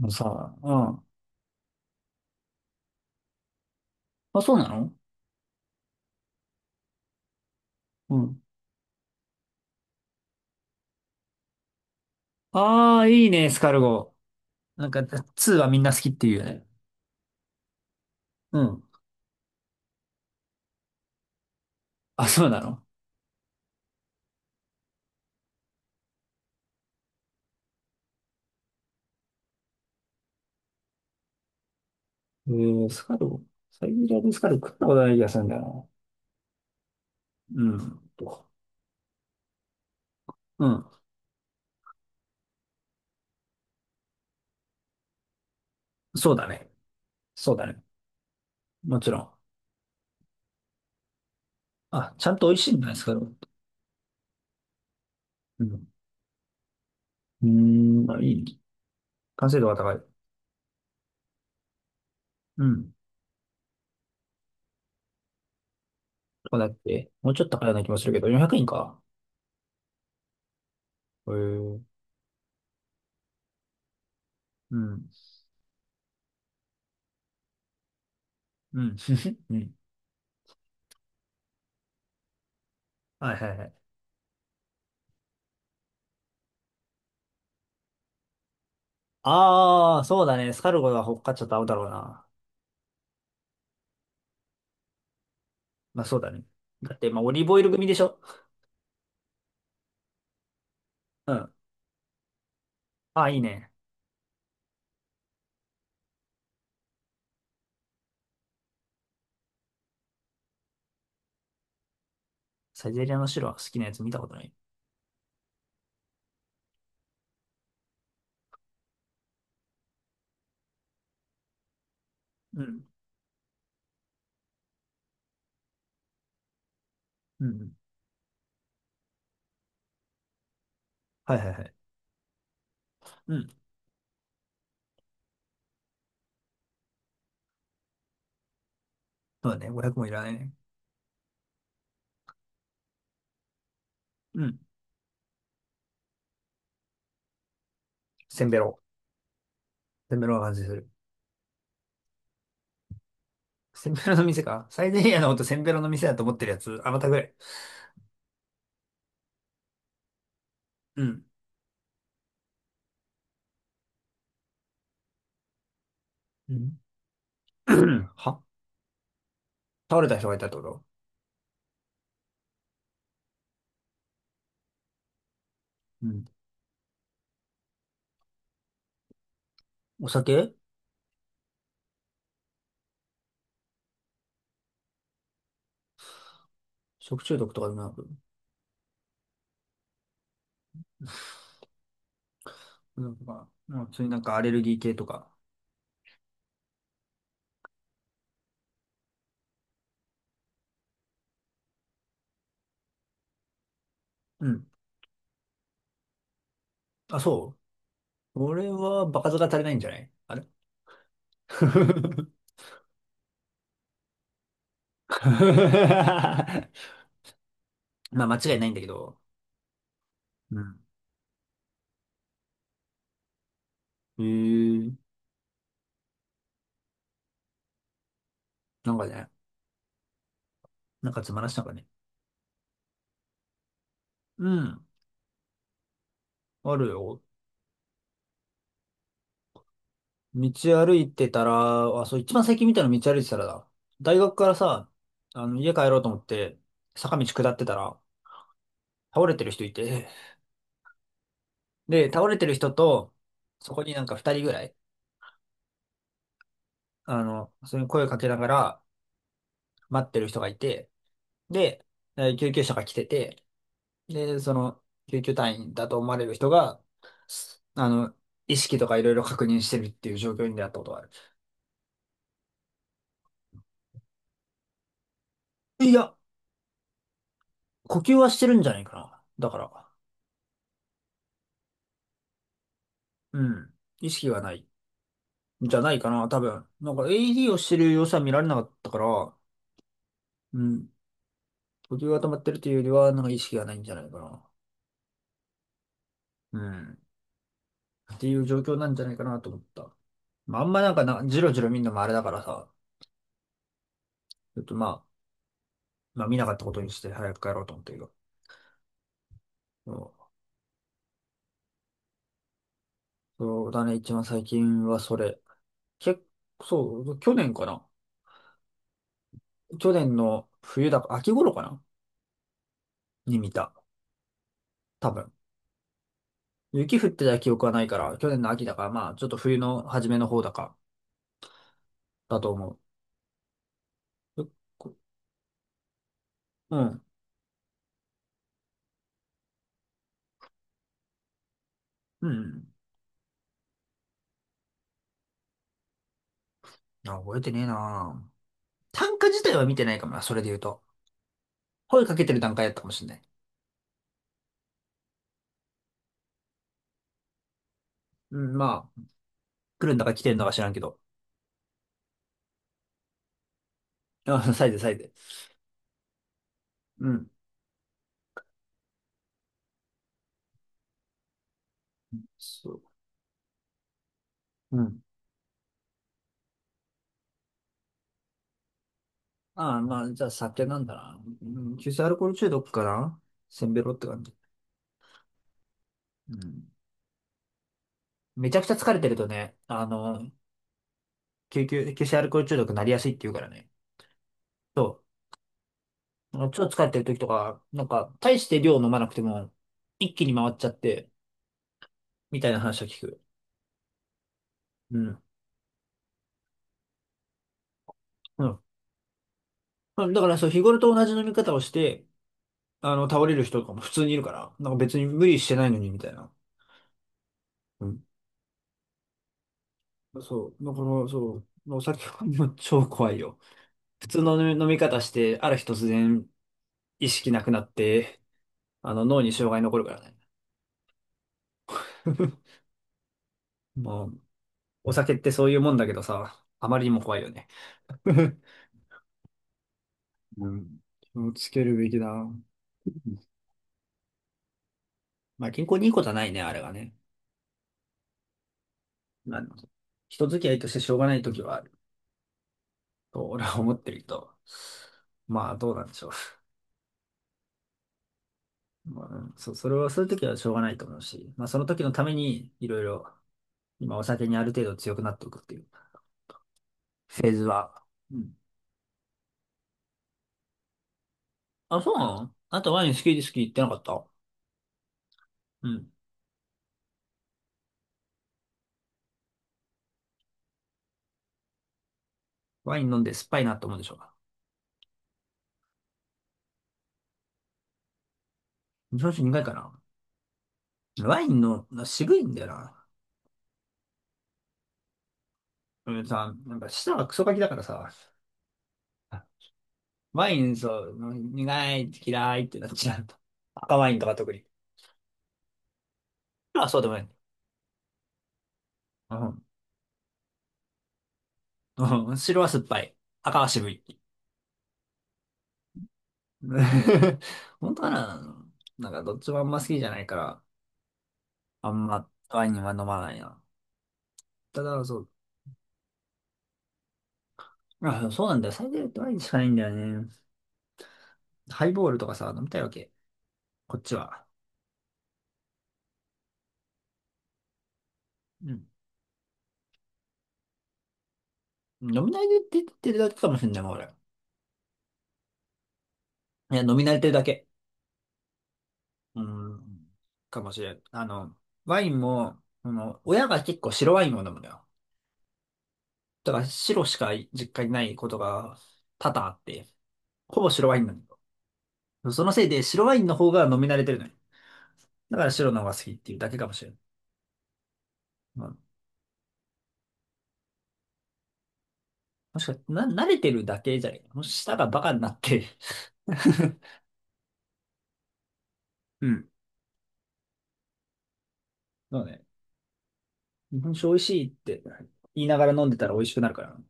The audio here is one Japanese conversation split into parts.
あのさ、うん。あ、そうなの。うん。ああ、いいね、エスカルゴ。なんか、2はみんな好きっていうよね。うん。あ、そうなの。エスカルゴ。サイゼリヤでエスカルゴ食ったことない気がするんだよな。うん。と、うん。そうだね。そうだね。もちろん。あ、ちゃんと美味しいんだね、エスカルゴって。うん。うーん、あ、いいね。完成度が高い。うん。こうだって、もうちょっと高いような気もするけど、400円か。へえ。うん。うん。うん。はいはいはい。ああ、そうだね。スカルゴがほっかちょっと合うだろうな。まあそうだね。だって、まあオリーブオイル組でしょ。うん。ああ、いいね。サイゼリアの白は好きなやつ見たことない。うん。うん。はいはいはい。うん。そうだね。500もいらないね。うん。センベロ。センベロが感じする。センベロの店か。サイゼリアのことセンベロの店だと思ってるやつ、あなたぐらい。うん。うん。は、倒れた人がいたってこと？うん。お酒。食中毒とかでもなく、なんか、うん、普通になんかアレルギー系とか。うん。あ、そう。これは場数が足りないんじゃない、あれ？ まあ間違いないんだけど。うん。えー、なんかね、なんかつまらしたかね。うん。あるよ。道歩いてたら、あ、そう、一番最近見たの道歩いてたらだ。大学からさ、あの、家帰ろうと思って、坂道下ってたら、倒れてる人いて、で、倒れてる人と、そこになんか二人ぐらい、あの、それに声かけながら待ってる人がいて、で、救急車が来てて、で、その、救急隊員だと思われる人が、あの、意識とかいろいろ確認してるっていう状況に出会ったことがある。いや、呼吸はしてるんじゃないかな。だから、うん。意識がない。じゃないかな、多分。なんか AED をしてる様子は見られなかったから、うん。呼吸が止まってるというよりは、なんか意識がないんじゃないかな。うん。っていう状況なんじゃないかなと思った。まあ、あんまなんかな、じろじろ見るのもあれだからさ、ちょっとまあ、まあ見なかったことにして早く帰ろうと思ったけど。そうだね、一番最近はそれ。結構、そう、去年かな。去年の冬だか、秋頃かなに見た。多分。雪降ってた記憶はないから、去年の秋だから、まあ、ちょっと冬の初めの方だか、だと思う。こうん。うん。あ、覚えてねえな。単価自体は見てないかもな、それで言うと。声かけてる段階だったかもしんない。うん、まあ、来るんだか来てるんだか知らんけど。あ、サイズサイズ。うん。そう。うん。ああ、まあ、じゃあ酒なんだな。うん、急性アルコール中毒かな。せんべろって感じ。うん。めちゃくちゃ疲れてるとね、あの、急性アルコール中毒になりやすいって言うからね。そう。超疲れてる時とか、なんか、大して量飲まなくても、一気に回っちゃって、みたいな話を聞く。うん。うん。うん。だからそう、日頃と同じ飲み方をして、あの、倒れる人とかも普通にいるから、なんか別に無理してないのに、みたいな。うん。そう。だから、そう。お酒はもう超怖いよ。普通の飲み方して、ある日突然意識なくなって、あの、脳に障害残るからね。まあ、お酒ってそういうもんだけどさ、あまりにも怖いよね。うん。気をつけるべきだ。うん。まあ、健康にいいことはないね、あれはね。まあ、人付き合いとしてしょうがないときはあると、俺は思ってるけど。まあ、どうなんでしょう。まあ、うん、それは、そういうときはしょうがないと思うし、まあ、その時のために、いろいろ、今お酒にある程度強くなっておくっていうフェーズは、うん。あ、そうなの？あなたワイン好き好き言ってなかった？うん。ワイン飲んで酸っぱいなと思うでしょうか。日本酒苦いかな。ワインの渋いんだよな。うんさ、なんか舌がクソガキだからさ、ワインそう、苦いって嫌いってなっちゃうと。赤ワインとか特に。白はそうでもない。うん。うん。白は酸っぱい。赤は渋い。本当かな。なんかどっちもあんま好きじゃないから、あんまワインは飲まないな。ただ、そう。あ、そうなんだよ。最低ワインしかないんだよね。ハイボールとかさ、飲みたいわけ。こっちは。うん。飲み慣れてってるだけかもしれないもん、俺。いや、飲み慣れてるだけ。うん。かもしれん。あの、ワインも、あの、親が結構白ワインを飲むのよ。だから白しか実家にないことが多々あって、ほぼ白ワインなんだよ。そのせいで白ワインの方が飲み慣れてるのよ。だから白の方が好きっていうだけかもしれん。うん。もしかして、慣れてるだけじゃねえ。もし舌がバカになって うん。そうね。日本酒美味しいって言いながら飲んでたら美味しくなるからな。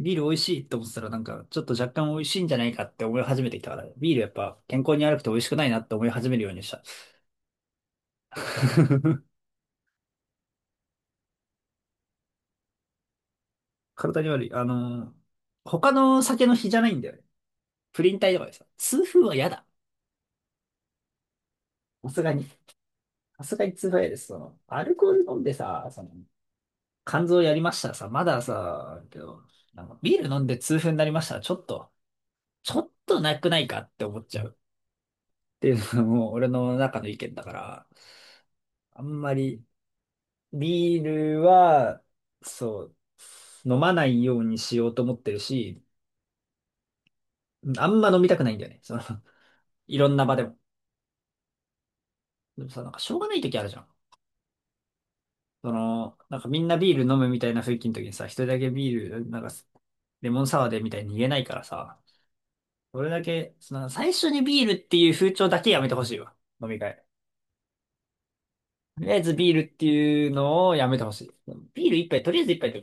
ビール美味しいって思ってたらなんかちょっと若干美味しいんじゃないかって思い始めてきたから、ビールやっぱ健康に悪くて美味しくないなって思い始めるようにした。体に悪い。他の酒の比じゃないんだよね。プリン体とかでさ、痛風は嫌だ。さすがに。さすがに痛風は嫌です。その、アルコール飲んでさ、その、肝臓やりましたらさ、まださ、けど、なんかビール飲んで痛風になりましたらちょっと、ちょっとなくないかって思っちゃう。っていうのも俺の中の意見だから、あんまりビールは、そう、飲まないようにしようと思ってるし、あんま飲みたくないんだよね。その、いろんな場でも。でもさ、なんかしょうがない時あるじゃん。その、なんかみんなビール飲むみたいな雰囲気の時にさ、一人だけビール、なんか、レモンサワーでみたいに言えないからさ、それだけ、その、最初にビールっていう風潮だけやめてほしいわ。飲み会。とりあえずビールっていうのをやめてほしい。ビール一杯、とりあえず一杯って、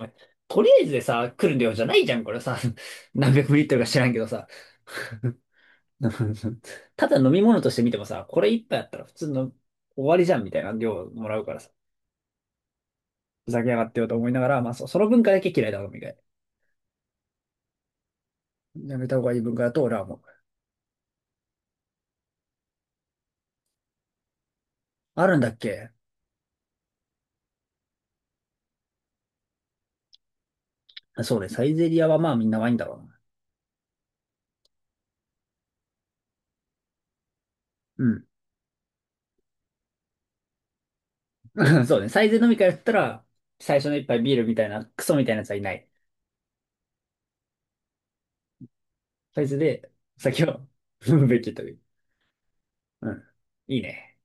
とりあえずでさ、来る量じゃないじゃん、これさ。何百ミリリットルか知らんけどさ。ただ飲み物として見てもさ、これ一杯あったら普通の終わりじゃんみたいな量もらうからさ。ふざけやがってよと思いながら、まあ、その文化だけ嫌いだ、飲み会。やめた方がいい文化だと俺は思う。あるんだっけ？あ、そうね、サイゼリアはまあみんなワインだろうな。うん。そうね、サイゼ飲み会だったら、最初の一杯ビールみたいな、クソみたいなやつはいない。サイズで、先を踏むべきという。うん。いいね。